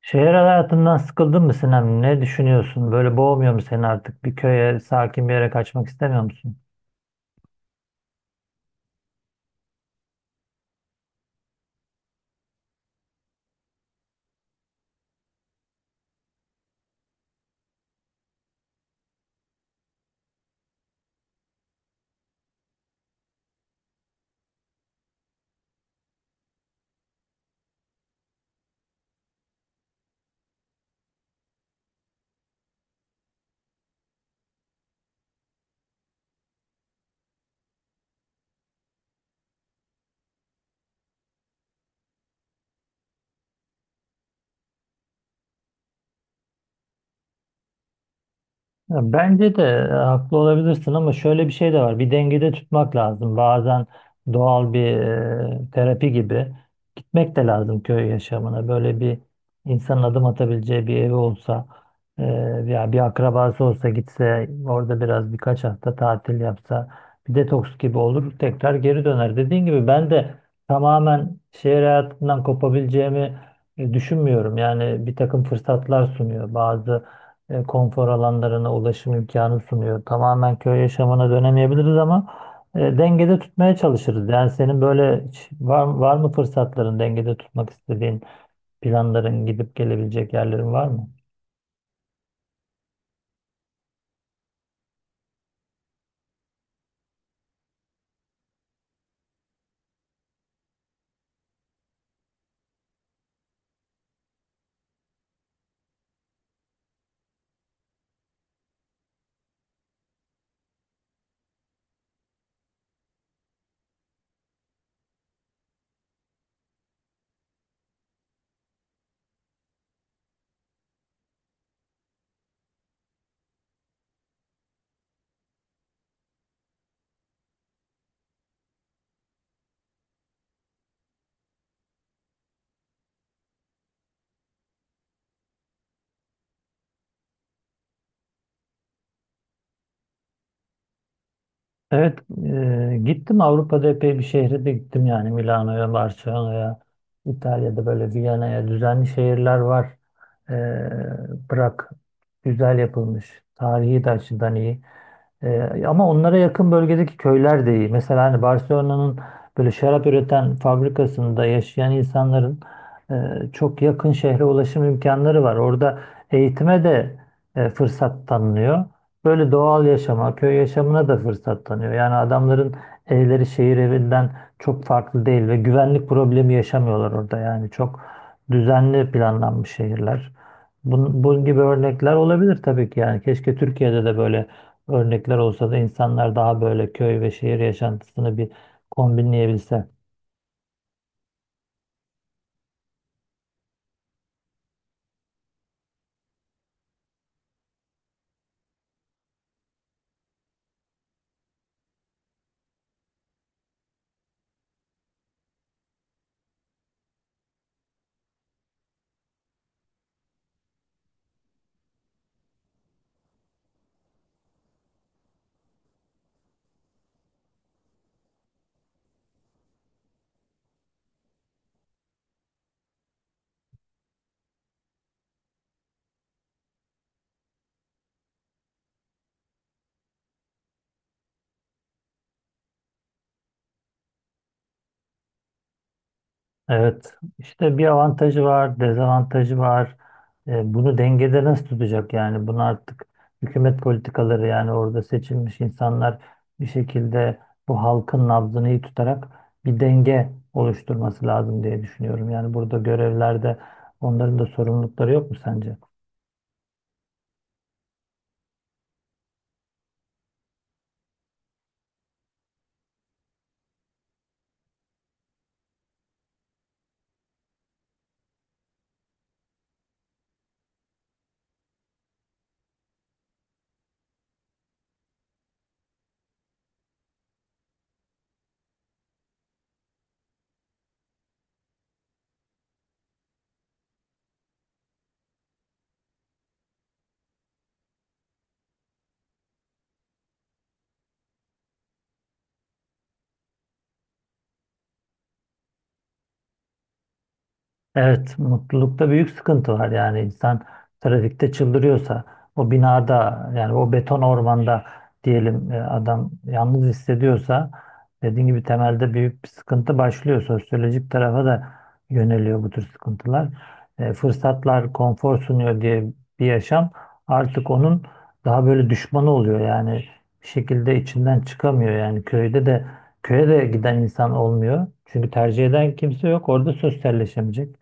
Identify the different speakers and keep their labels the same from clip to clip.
Speaker 1: Şehir hayatından sıkıldın mı Sinem? Ne düşünüyorsun? Böyle boğmuyor mu seni artık? Bir köye, sakin bir yere kaçmak istemiyor musun? Ya bence de haklı olabilirsin ama şöyle bir şey de var. Bir dengede tutmak lazım. Bazen doğal bir terapi gibi gitmek de lazım köy yaşamına. Böyle bir insanın adım atabileceği bir evi olsa veya bir akrabası olsa gitse orada biraz birkaç hafta tatil yapsa bir detoks gibi olur tekrar geri döner. Dediğin gibi ben de tamamen şehir hayatından kopabileceğimi düşünmüyorum. Yani bir takım fırsatlar sunuyor, bazı konfor alanlarına ulaşım imkanı sunuyor. Tamamen köy yaşamına dönemeyebiliriz ama dengede tutmaya çalışırız. Yani senin böyle hiç var mı fırsatların, dengede tutmak istediğin planların, gidip gelebilecek yerlerin var mı? Evet, gittim, Avrupa'da epey bir şehre de gittim yani, Milano'ya, Barcelona'ya, İtalya'da, böyle Viyana'ya, düzenli şehirler var. E, bırak güzel yapılmış, tarihi de açıdan iyi. Ama onlara yakın bölgedeki köyler de iyi. Mesela hani Barcelona'nın böyle şarap üreten fabrikasında yaşayan insanların e, çok yakın şehre ulaşım imkanları var. Orada eğitime de fırsat tanınıyor. Böyle doğal yaşama, köy yaşamına da fırsat tanıyor. Yani adamların evleri şehir evinden çok farklı değil ve güvenlik problemi yaşamıyorlar orada. Yani çok düzenli planlanmış şehirler. Bunun gibi örnekler olabilir tabii ki yani. Keşke Türkiye'de de böyle örnekler olsa da insanlar daha böyle köy ve şehir yaşantısını bir kombinleyebilse. Evet, işte bir avantajı var, dezavantajı var. Bunu dengede nasıl tutacak yani? Bunu artık hükümet politikaları, yani orada seçilmiş insanlar bir şekilde bu halkın nabzını iyi tutarak bir denge oluşturması lazım diye düşünüyorum. Yani burada görevlerde onların da sorumlulukları yok mu sence? Evet, mutlulukta büyük sıkıntı var. Yani insan trafikte çıldırıyorsa, o binada, yani o beton ormanda diyelim, adam yalnız hissediyorsa, dediğim gibi temelde büyük bir sıkıntı başlıyor. Sosyolojik tarafa da yöneliyor bu tür sıkıntılar. Fırsatlar konfor sunuyor diye bir yaşam artık onun daha böyle düşmanı oluyor. Yani bir şekilde içinden çıkamıyor. Yani köyde de köye de giden insan olmuyor, çünkü tercih eden kimse yok, orada sosyalleşemeyecek.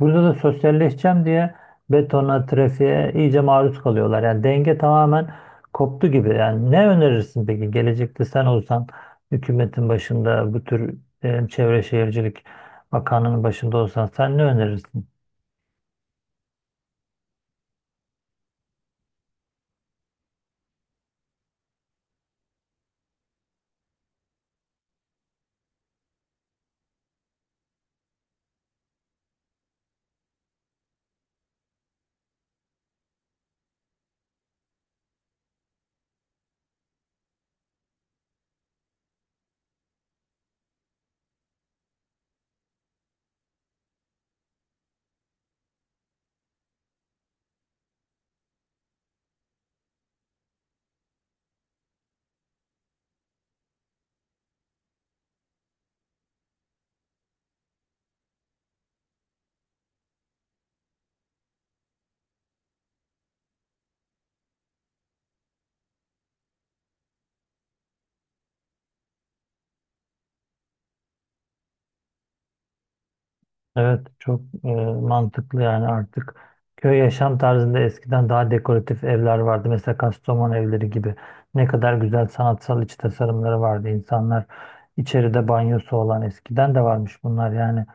Speaker 1: Burada da sosyalleşeceğim diye betona, trafiğe iyice maruz kalıyorlar. Yani denge tamamen koptu gibi. Yani ne önerirsin peki, gelecekte sen olsan hükümetin başında, bu tür Çevre Şehircilik Bakanlığı'nın başında olsan, sen ne önerirsin? Evet, çok mantıklı. Yani artık köy yaşam tarzında eskiden daha dekoratif evler vardı. Mesela Kastamonu evleri gibi, ne kadar güzel sanatsal iç tasarımları vardı. İnsanlar içeride banyosu olan, eskiden de varmış bunlar yani.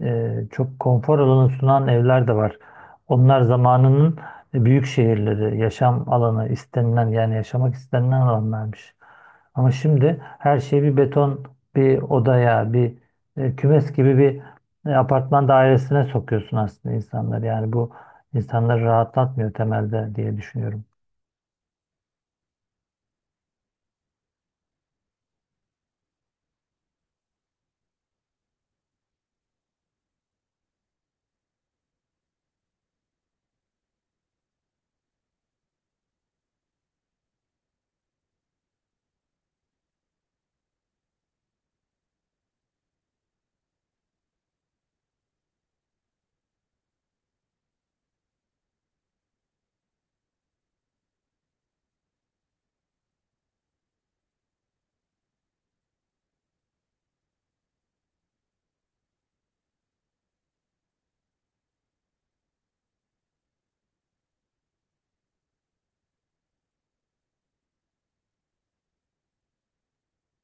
Speaker 1: Çok konfor alanı sunan evler de var. Onlar zamanının büyük şehirleri, yaşam alanı istenilen, yani yaşamak istenilen alanlarmış. Ama şimdi her şey bir beton, bir odaya, bir kümes gibi bir apartman dairesine sokuyorsun aslında insanları. Yani bu insanları rahatlatmıyor temelde diye düşünüyorum.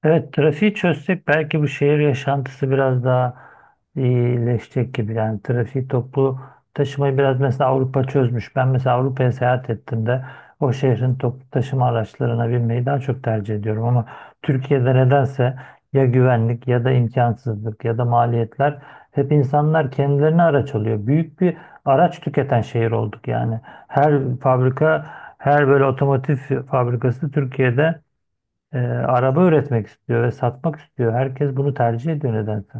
Speaker 1: Evet, trafiği çözsek belki bu şehir yaşantısı biraz daha iyileşecek gibi. Yani trafiği, toplu taşımayı biraz mesela Avrupa çözmüş. Ben mesela Avrupa'ya seyahat ettiğimde o şehrin toplu taşıma araçlarına binmeyi daha çok tercih ediyorum. Ama Türkiye'de nedense ya güvenlik, ya da imkansızlık, ya da maliyetler, hep insanlar kendilerine araç alıyor. Büyük bir araç tüketen şehir olduk yani. Her fabrika, her böyle otomotiv fabrikası Türkiye'de araba üretmek istiyor ve satmak istiyor. Herkes bunu tercih ediyor nedense.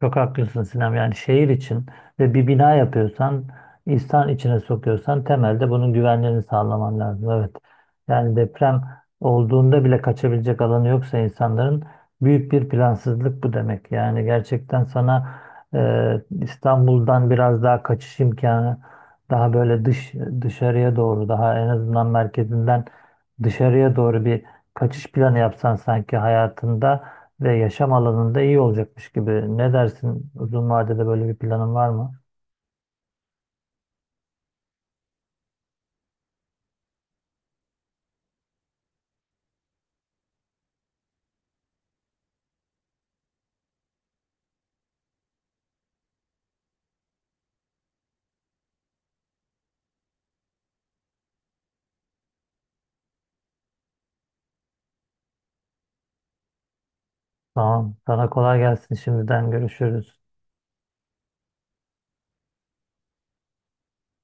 Speaker 1: Çok haklısın Sinem. Yani şehir için ve bir bina yapıyorsan, insan içine sokuyorsan, temelde bunun güvenliğini sağlaman lazım. Evet. Yani deprem olduğunda bile kaçabilecek alanı yoksa insanların, büyük bir plansızlık bu demek. Yani gerçekten sana İstanbul'dan biraz daha kaçış imkanı, daha böyle dışarıya doğru, daha en azından merkezinden dışarıya doğru bir kaçış planı yapsan sanki hayatında ve yaşam alanında iyi olacakmış gibi. Ne dersin? Uzun vadede böyle bir planın var mı? Tamam. Sana kolay gelsin. Şimdiden görüşürüz.